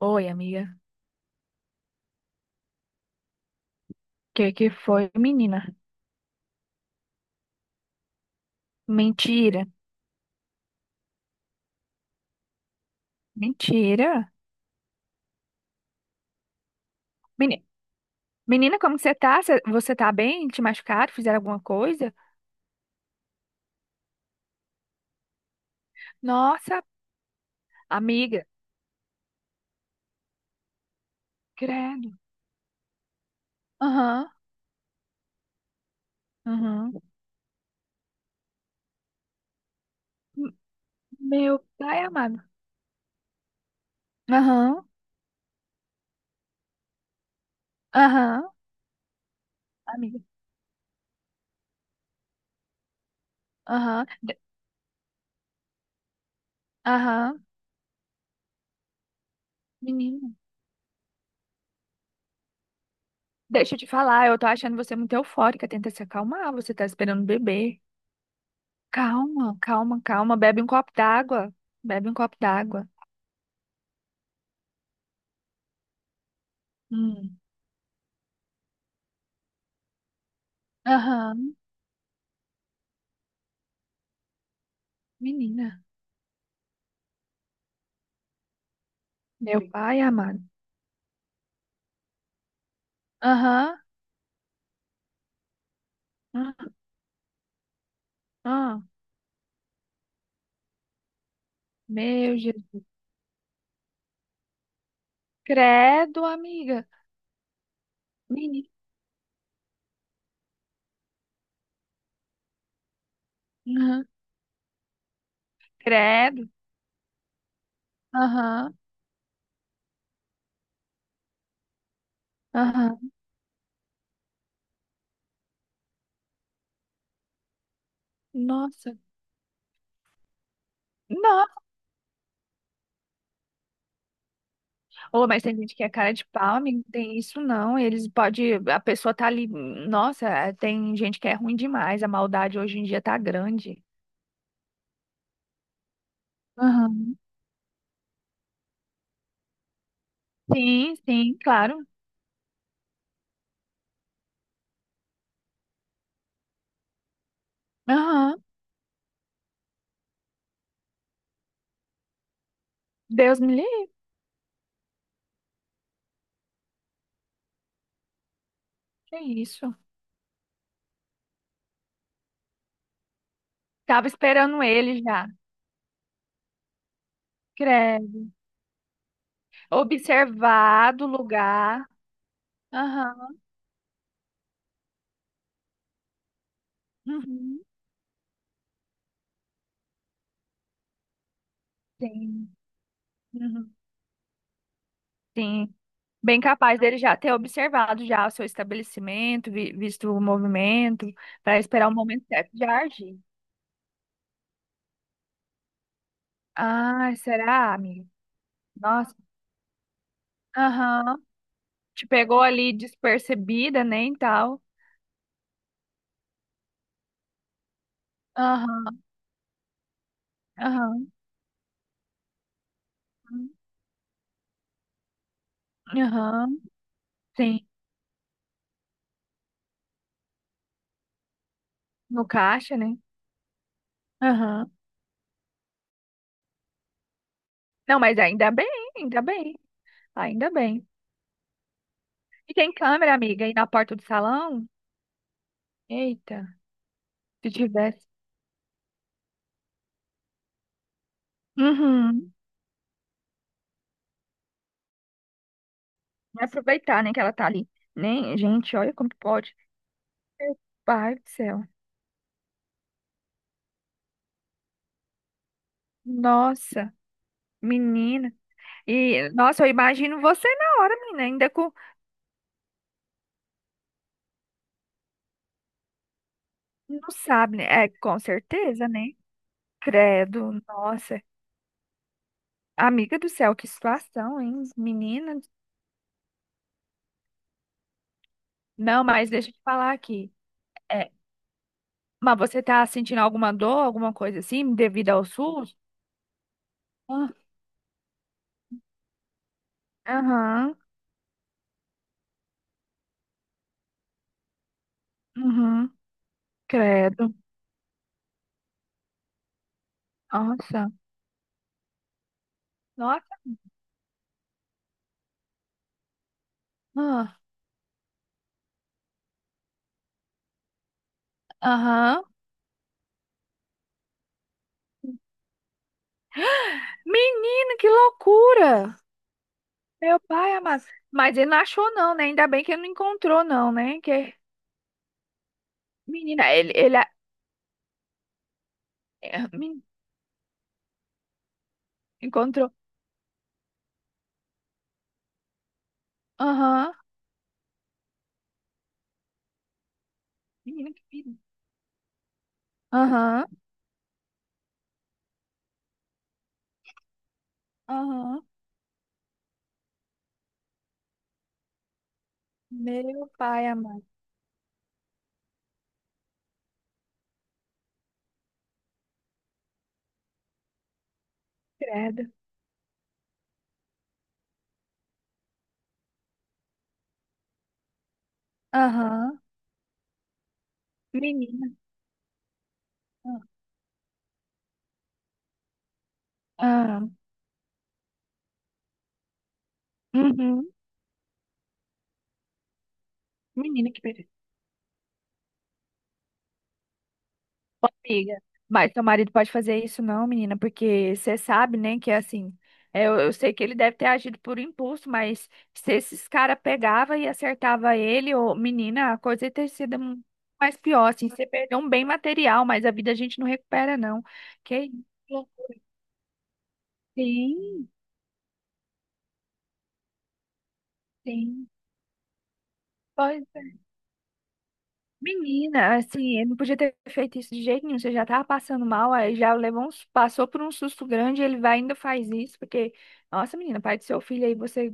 Oi, amiga. Que foi, menina? Mentira. Mentira. Meni- Menina, como que você tá? Você tá bem? Te machucaram? Fizeram alguma coisa? Nossa, amiga. Credo. Aham. Aham. M- Meu pai amado. Aham. Aham. Amiga. Aham. Aham. Menina. Deixa eu te falar, eu tô achando você muito eufórica. Tenta se acalmar. Você tá esperando beber. Calma, calma, calma. Bebe um copo d'água. Bebe um copo d'água. Hum. Aham. Menina, meu pai amado. Aham, ah, ah, meu Jesus. Credo, amiga. Menina, aham, credo. Aham, aham. Nossa. Não, ô, mas tem gente que é cara de pau, amigo. Não tem isso não. Eles pode, a pessoa tá ali. Nossa, é, tem gente que é ruim demais. A maldade hoje em dia tá grande. Aham. Sim, sim, claro. Aham. Deus me livre. Que isso? Tava esperando ele já. Credo. Observado o lugar. Aham. Uhum. Sim. Uhum. Sim. Bem capaz dele já ter observado já o seu estabelecimento, visto o movimento, para esperar o momento certo de agir. Ah, será, amiga? Nossa. Aham. Te pegou ali despercebida, né, e tal. Aham. Aham. Aham. Sim. No caixa, né? Aham. Não, mas ainda bem, ainda bem. Ainda bem. E tem câmera, amiga, aí na porta do salão? Eita, se tivesse. Uhum. Vai aproveitar, né, que ela tá ali. Nem, gente, olha como pode. Meu pai do céu. Nossa, menina. E, nossa, eu imagino você na hora, menina, ainda com. Não sabe, né? É, com certeza, né? Credo, nossa. Amiga do céu, que situação, hein? Menina. Não, mas deixa eu te falar aqui. É, mas você tá sentindo alguma dor, alguma coisa assim, devido ao SUS? Ah, aham, uhum, credo. Nossa. Nossa. Ah, aham. Menino, que loucura! Meu pai amado. Mas ele não achou, não, né? Ainda bem que ele não encontrou, não, né? Que... Menina, ele é, encontrou. Aham. Menina, que perigo. Aham. Aham. Meu pai amado. Credo. Aham. Menina. Ah. Uhum. Menina, que perigo. Ô, amiga, mas seu marido pode fazer isso não, menina, porque você sabe, né, que é assim, é, eu sei que ele deve ter agido por impulso, mas se esses caras pegava e acertava ele, ô, menina, a coisa ia ter sido mais pior, assim, você perdeu um bem material, mas a vida a gente não recupera não, que isso? Sim, sim, pois é. Menina, assim, ele não podia ter feito isso de jeito nenhum, você já tava passando mal, aí já levou uns, passou por um susto grande, ele vai e ainda faz isso, porque... Nossa, menina, pai do seu filho aí, você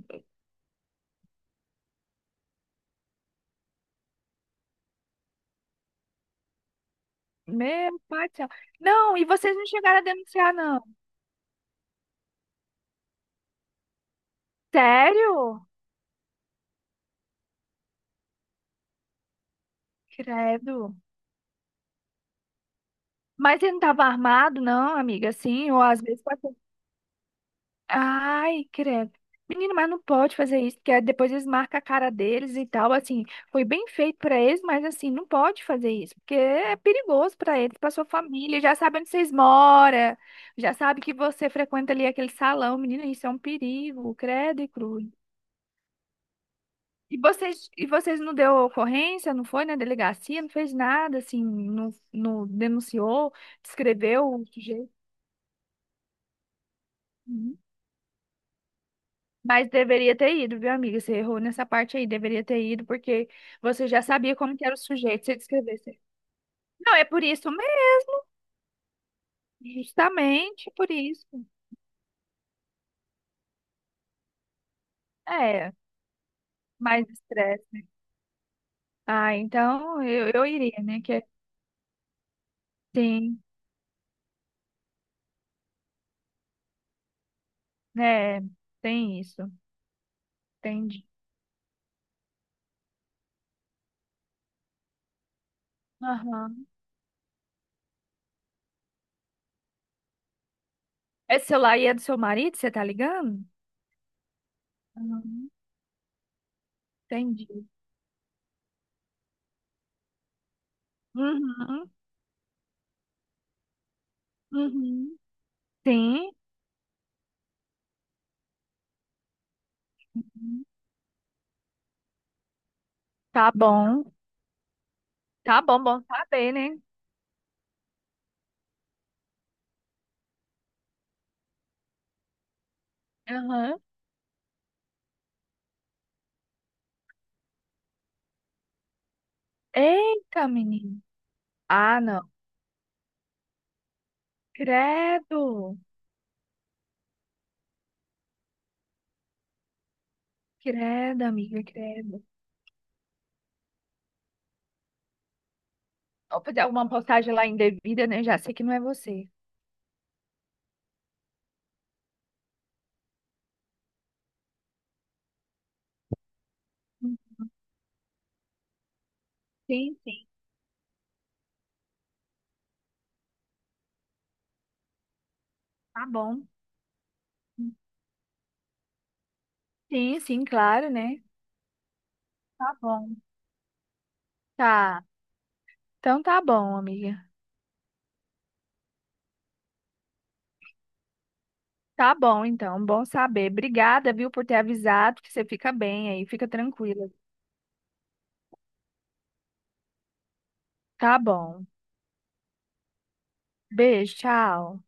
meu pai do céu. Não, e vocês não chegaram a denunciar, não. Sério? Credo. Mas ele não estava armado, não, amiga, assim, ou às vezes pode ai, credo. Menino, mas não pode fazer isso, porque depois eles marcam a cara deles e tal, assim, foi bem feito pra eles, mas assim, não pode fazer isso, porque é perigoso pra eles, pra sua família, já sabe onde vocês moram, já sabe que você frequenta ali aquele salão, menino, isso é um perigo, credo e cruz. E vocês não deu ocorrência, não foi na delegacia, não fez nada, assim, não, não denunciou, descreveu o sujeito. Uhum. Mas deveria ter ido, viu, amiga? Você errou nessa parte aí, deveria ter ido, porque você já sabia como que era o sujeito, você descrevesse. Não, é por isso mesmo, justamente por isso. É, mais estresse, né? Ah, então eu iria, né? Tem, né? Tem isso, entendi. Aham. Esse celular aí é do seu marido, você tá ligando? Aham. Entendi. Uhum, uhum. Sim, uhum, tá bom. Tá bom, bom saber, né? Aham. Eita, menino. Ah, não. Credo. Credo, amiga, credo. Ou fazer alguma postagem lá indevida, né? Já sei que não é você. Sim, sim. Tá bom. Sim, sim, claro, né? Tá bom. Tá. Então tá bom, amiga. Tá bom, então. Bom saber. Obrigada, viu, por ter avisado que você fica bem aí, fica tranquila. Tá bom. Beijo, tchau.